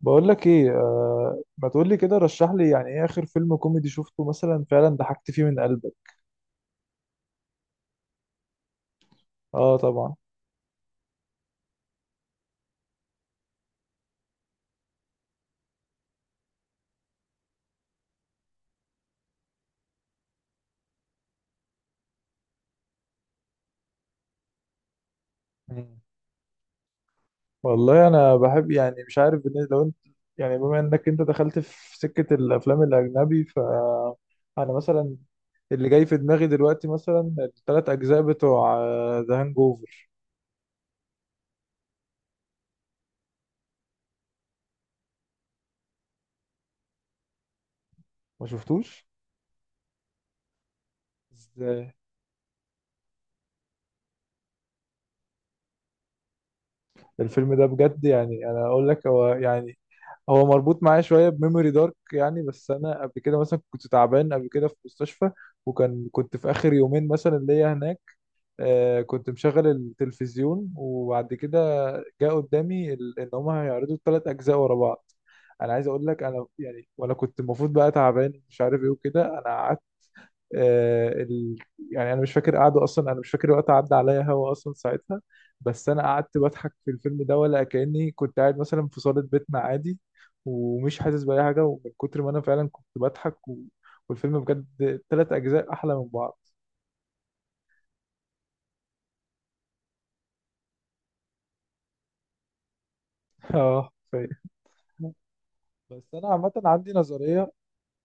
بقول لك ايه، ما تقول لي كده، رشح لي. يعني ايه اخر فيلم كوميدي شفته مثلا فعلا ضحكت فيه من قلبك؟ اه طبعا. مم. والله انا بحب، يعني مش عارف لو انت، يعني بما انك انت دخلت في سكة الافلام الاجنبي، ف انا مثلا، اللي جاي في دماغي دلوقتي مثلا الثلاث اجزاء بتوع ذا هانج اوفر. ما شفتوش. ازاي؟ الفيلم ده بجد، يعني انا اقول لك، هو يعني هو مربوط معايا شويه بميموري دارك يعني، بس انا قبل كده مثلا كنت تعبان، قبل كده في مستشفى، كنت في اخر يومين مثلا ليا هناك. كنت مشغل التلفزيون، وبعد كده جاء قدامي ان هم هيعرضوا الثلاث اجزاء ورا بعض. انا عايز اقول لك، انا يعني وانا كنت المفروض بقى تعبان مش عارف ايه وكده، انا آه، ال... يعني انا مش فاكر قعدوا اصلا، انا مش فاكر وقت عدى عليا هوا اصلا ساعتها، بس انا قعدت بضحك في الفيلم ده ولا كاني كنت قاعد مثلا في صاله بيتنا عادي، ومش حاسس باي حاجه، ومن كتر ما انا فعلا كنت بضحك والفيلم بجد ثلاث اجزاء احلى من بعض. اه، بس انا عامه عندي نظريه.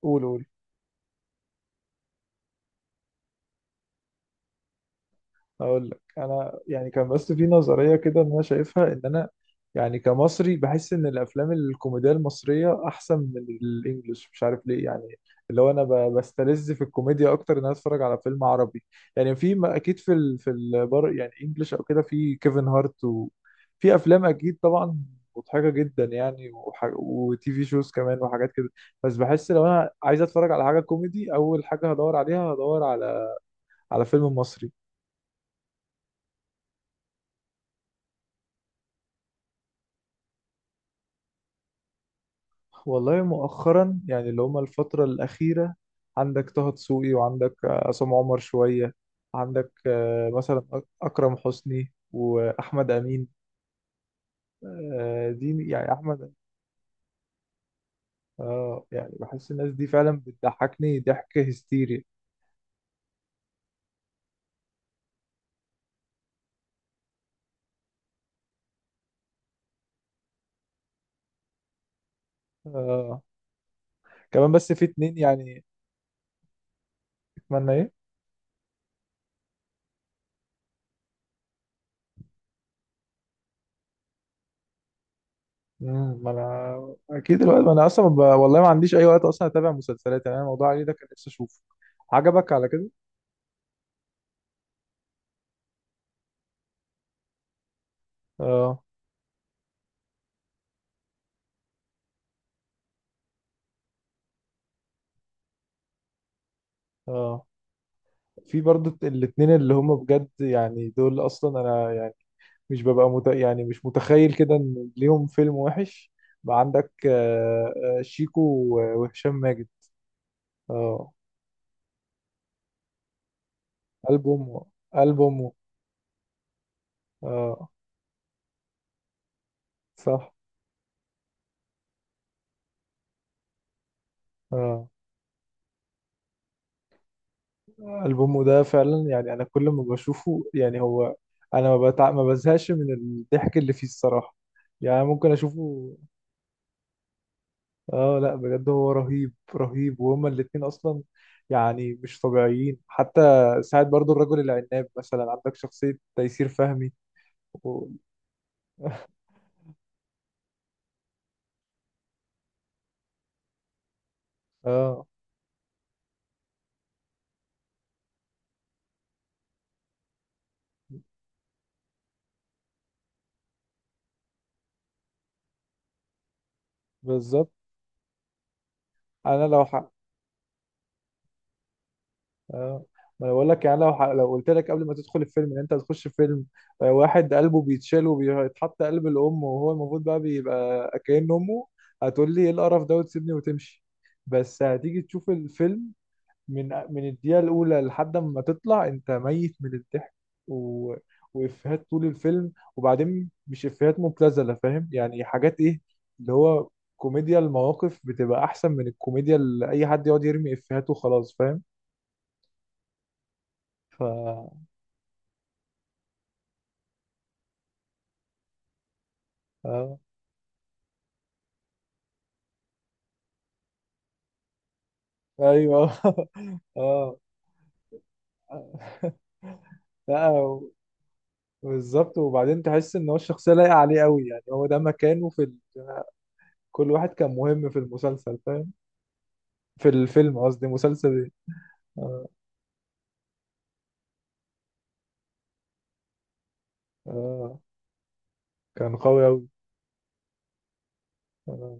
قول قول. اقول لك انا، يعني كان بس في نظريه كده ان انا شايفها، ان انا يعني كمصري بحس ان الافلام الكوميديه المصريه احسن من الانجليش، مش عارف ليه يعني. اللي هو انا بستلذ في الكوميديا اكتر ان انا اتفرج على فيلم عربي. يعني في، ما اكيد في في البر يعني انجليش او كده، في كيفن هارت وفي افلام اكيد طبعا مضحكه جدا يعني، وتي في شوز كمان وحاجات كده. بس بحس لو انا عايز اتفرج على حاجه كوميدي اول حاجه هدور على فيلم مصري. والله مؤخرا يعني اللي هما الفترة الأخيرة، عندك طه دسوقي، وعندك عصام عمر شوية، عندك مثلا أكرم حسني وأحمد أمين. دي يعني أحمد. يعني بحس الناس دي فعلا بتضحكني ضحك هستيري. آه، كمان بس في اتنين يعني. أتمنى إيه؟ ما أنا أكيد الوقت، ما أنا أصلا والله ما عنديش أي وقت أصلا أتابع مسلسلات، يعني أنا الموضوع علي ده كان نفسي أشوفه. عجبك على كده؟ آه. آه. في برضه الاتنين اللي هم بجد يعني دول، اصلا انا يعني مش ببقى يعني مش متخيل كده ان ليهم فيلم وحش. بقى عندك شيكو وهشام ماجد. اه. قلب امه. قلب امه. اه. صح. اه. قلب امه ده فعلا يعني، انا كل ما بشوفه يعني هو، انا ما بزهقش من الضحك اللي فيه الصراحة. يعني ممكن اشوفه. اه لا بجد هو رهيب رهيب، وهما الاتنين اصلا يعني مش طبيعيين حتى. ساعد برضو الرجل العناب، مثلا عندك شخصية تيسير فهمي و... اه بالظبط. انا لو آه. ما انا بقول لك يعني، لو لو قلت لك قبل ما تدخل الفيلم ان انت هتخش فيلم واحد قلبه بيتشال وبيتحط قلب الام، وهو المفروض بقى بيبقى كأن امه، هتقول لي ايه القرف ده وتسيبني وتمشي. بس هتيجي تشوف الفيلم من الدقيقة الأولى لحد ما تطلع أنت ميت من الضحك و... وإفيهات طول الفيلم، وبعدين مش إفيهات مبتذلة، فاهم؟ يعني حاجات إيه، اللي هو كوميديا المواقف بتبقى أحسن من الكوميديا اللي أي حد يقعد يرمي إفيهات وخلاص، فاهم؟ ف آه. أيوه. آه. لا. بالظبط. وبعدين تحس إن هو الشخصية لايقة عليه قوي، يعني هو ده مكانه في كل واحد كان مهم في المسلسل، فاهم؟ في الفيلم قصدي، مسلسل إيه. آه. آه. كان قوي أوي. أنا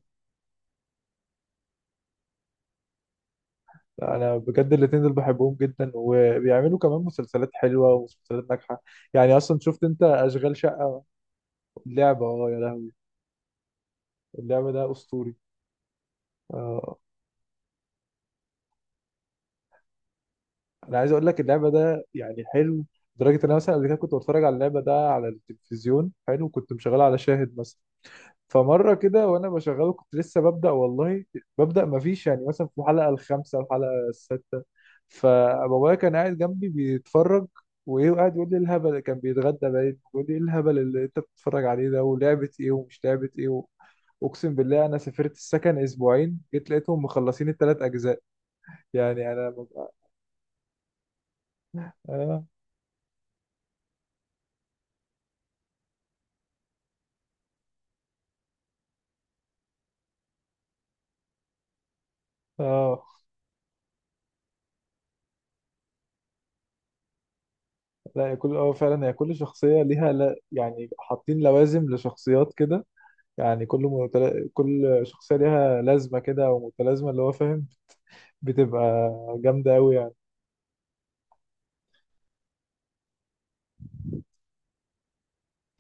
أنا بجد الاتنين دول بحبهم جدا، وبيعملوا كمان مسلسلات حلوة ومسلسلات ناجحة. يعني أصلا شفت أنت أشغال شقة؟ اللعبة، أه يا لهوي. اللعبة ده أسطوري. آه. أنا عايز أقول لك اللعبة ده يعني حلو لدرجة إن أنا مثلا قبل كده كنت بتفرج على اللعبة ده على التلفزيون، حلو كنت مشغلها على شاهد مثلا. فمره كده وانا بشغله كنت لسه ببدا والله، ببدا ما فيش يعني، مثلا في الحلقه الخامسه الحلقه السادسه. فبابايا كان قاعد جنبي بيتفرج، وايه، وقاعد يقول لي الهبل اللي كان بيتغدى، باين، يقول لي ايه الهبل اللي انت بتتفرج عليه ده، ولعبه ايه ومش لعبه ايه اقسم بالله انا سافرت السكن اسبوعين، جيت لقيتهم مخلصين الثلاث اجزاء. يعني انا ببقى. اه. اه. لا هي كل فعلا هي كل شخصيه ليها، لا يعني حاطين لوازم لشخصيات كده. يعني كل كل شخصية ليها لازمة كده أو متلازمة اللي هو فاهم، بتبقى جامدة أوي يعني.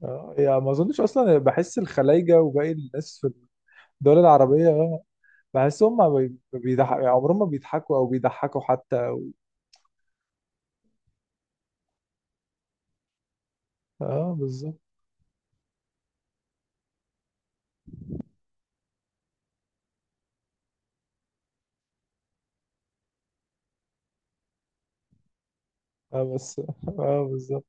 يعني ما أظنش أصلا، بحس الخلايجة وباقي الناس في الدول العربية بحسهم ما بيضحك يعني، عمرهم ما بيضحكوا أو بيضحكوا حتى. اه بالظبط. اه بس اه بالظبط.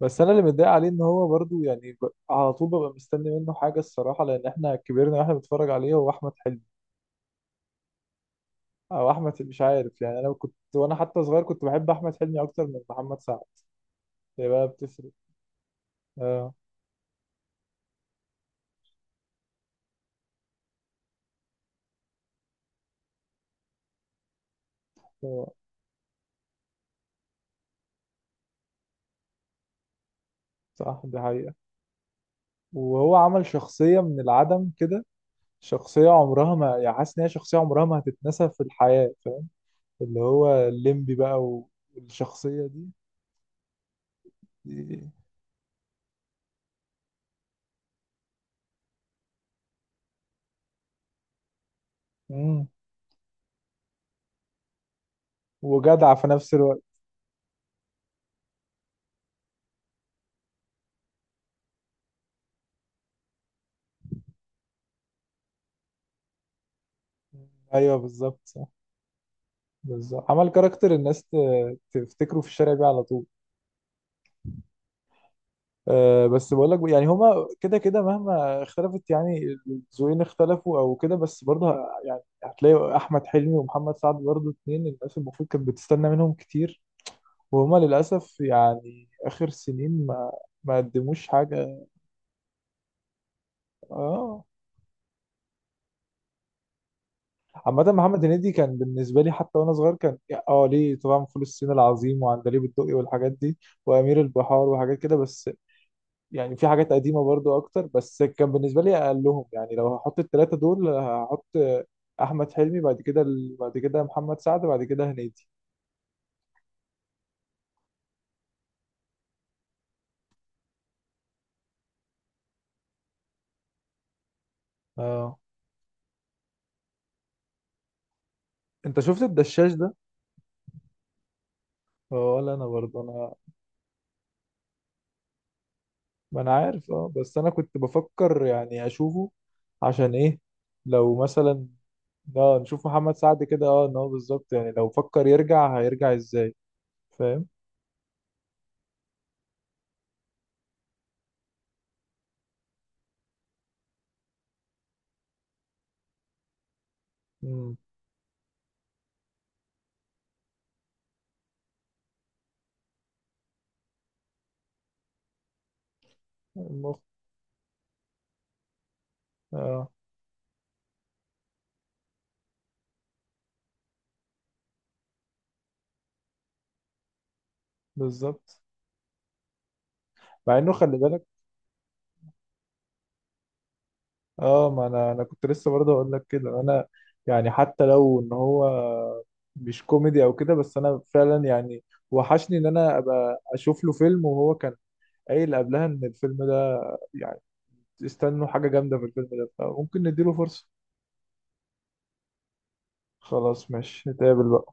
بس انا اللي متضايق عليه ان هو برضو يعني على طول ببقى مستني منه حاجه الصراحه، لان احنا كبرنا واحنا بنتفرج عليه، هو احمد حلمي او احمد، مش عارف. يعني انا كنت وانا حتى صغير كنت بحب احمد حلمي اكتر من محمد سعد، هي بقى بتفرق. اه هو- صح دي حقيقة. وهو عمل شخصية من العدم كده، شخصية عمرها ما، يعني حاسس ان هي شخصية عمرها ما هتتنسى في الحياة فاهم. اللي هو الليمبي بقى. والشخصية دي. مم. وجدع في نفس الوقت. ايوه بالظبط صح. بالظبط عمل كاركتر الناس تفتكره في الشارع بيه على طول. آه، بس بقول لك يعني هما كده كده مهما اختلفت، يعني الذوقين اختلفوا او كده، بس برضه يعني هتلاقي احمد حلمي ومحمد سعد برضه اتنين الناس المفروض كانت بتستنى منهم كتير، وهما للاسف يعني اخر سنين ما قدموش حاجه. اه، عامة محمد هنيدي كان بالنسبة لي حتى وأنا صغير كان، اه ليه طبعا، فول الصين العظيم وعندليب الدقي والحاجات دي، وأمير البحار وحاجات كده، بس يعني في حاجات قديمة برضو أكتر، بس كان بالنسبة لي أقلهم. يعني لو هحط التلاتة دول، هحط أحمد حلمي بعد كده، بعد كده محمد سعد بعد كده هنيدي. اه. أنت شفت الدشاش ده؟ اه، ولا انا برضه انا، ما أنا عارف. بس أنا كنت بفكر يعني أشوفه، عشان إيه، لو مثلا، اه نشوف محمد سعد كده، ان هو بالظبط يعني لو فكر يرجع هيرجع ازاي، فاهم. امم. المخ اه. بالظبط مع انه خلي بالك. اه، ما انا كنت لسه برضه اقول لك كده انا، يعني حتى لو ان هو مش كوميدي او كده، بس انا فعلا يعني وحشني ان انا ابقى اشوف له فيلم، وهو كان قايل قبلها ان الفيلم ده يعني، استنوا حاجة جامدة في الفيلم ده، فممكن نديله فرصة. خلاص ماشي نتقابل بقى.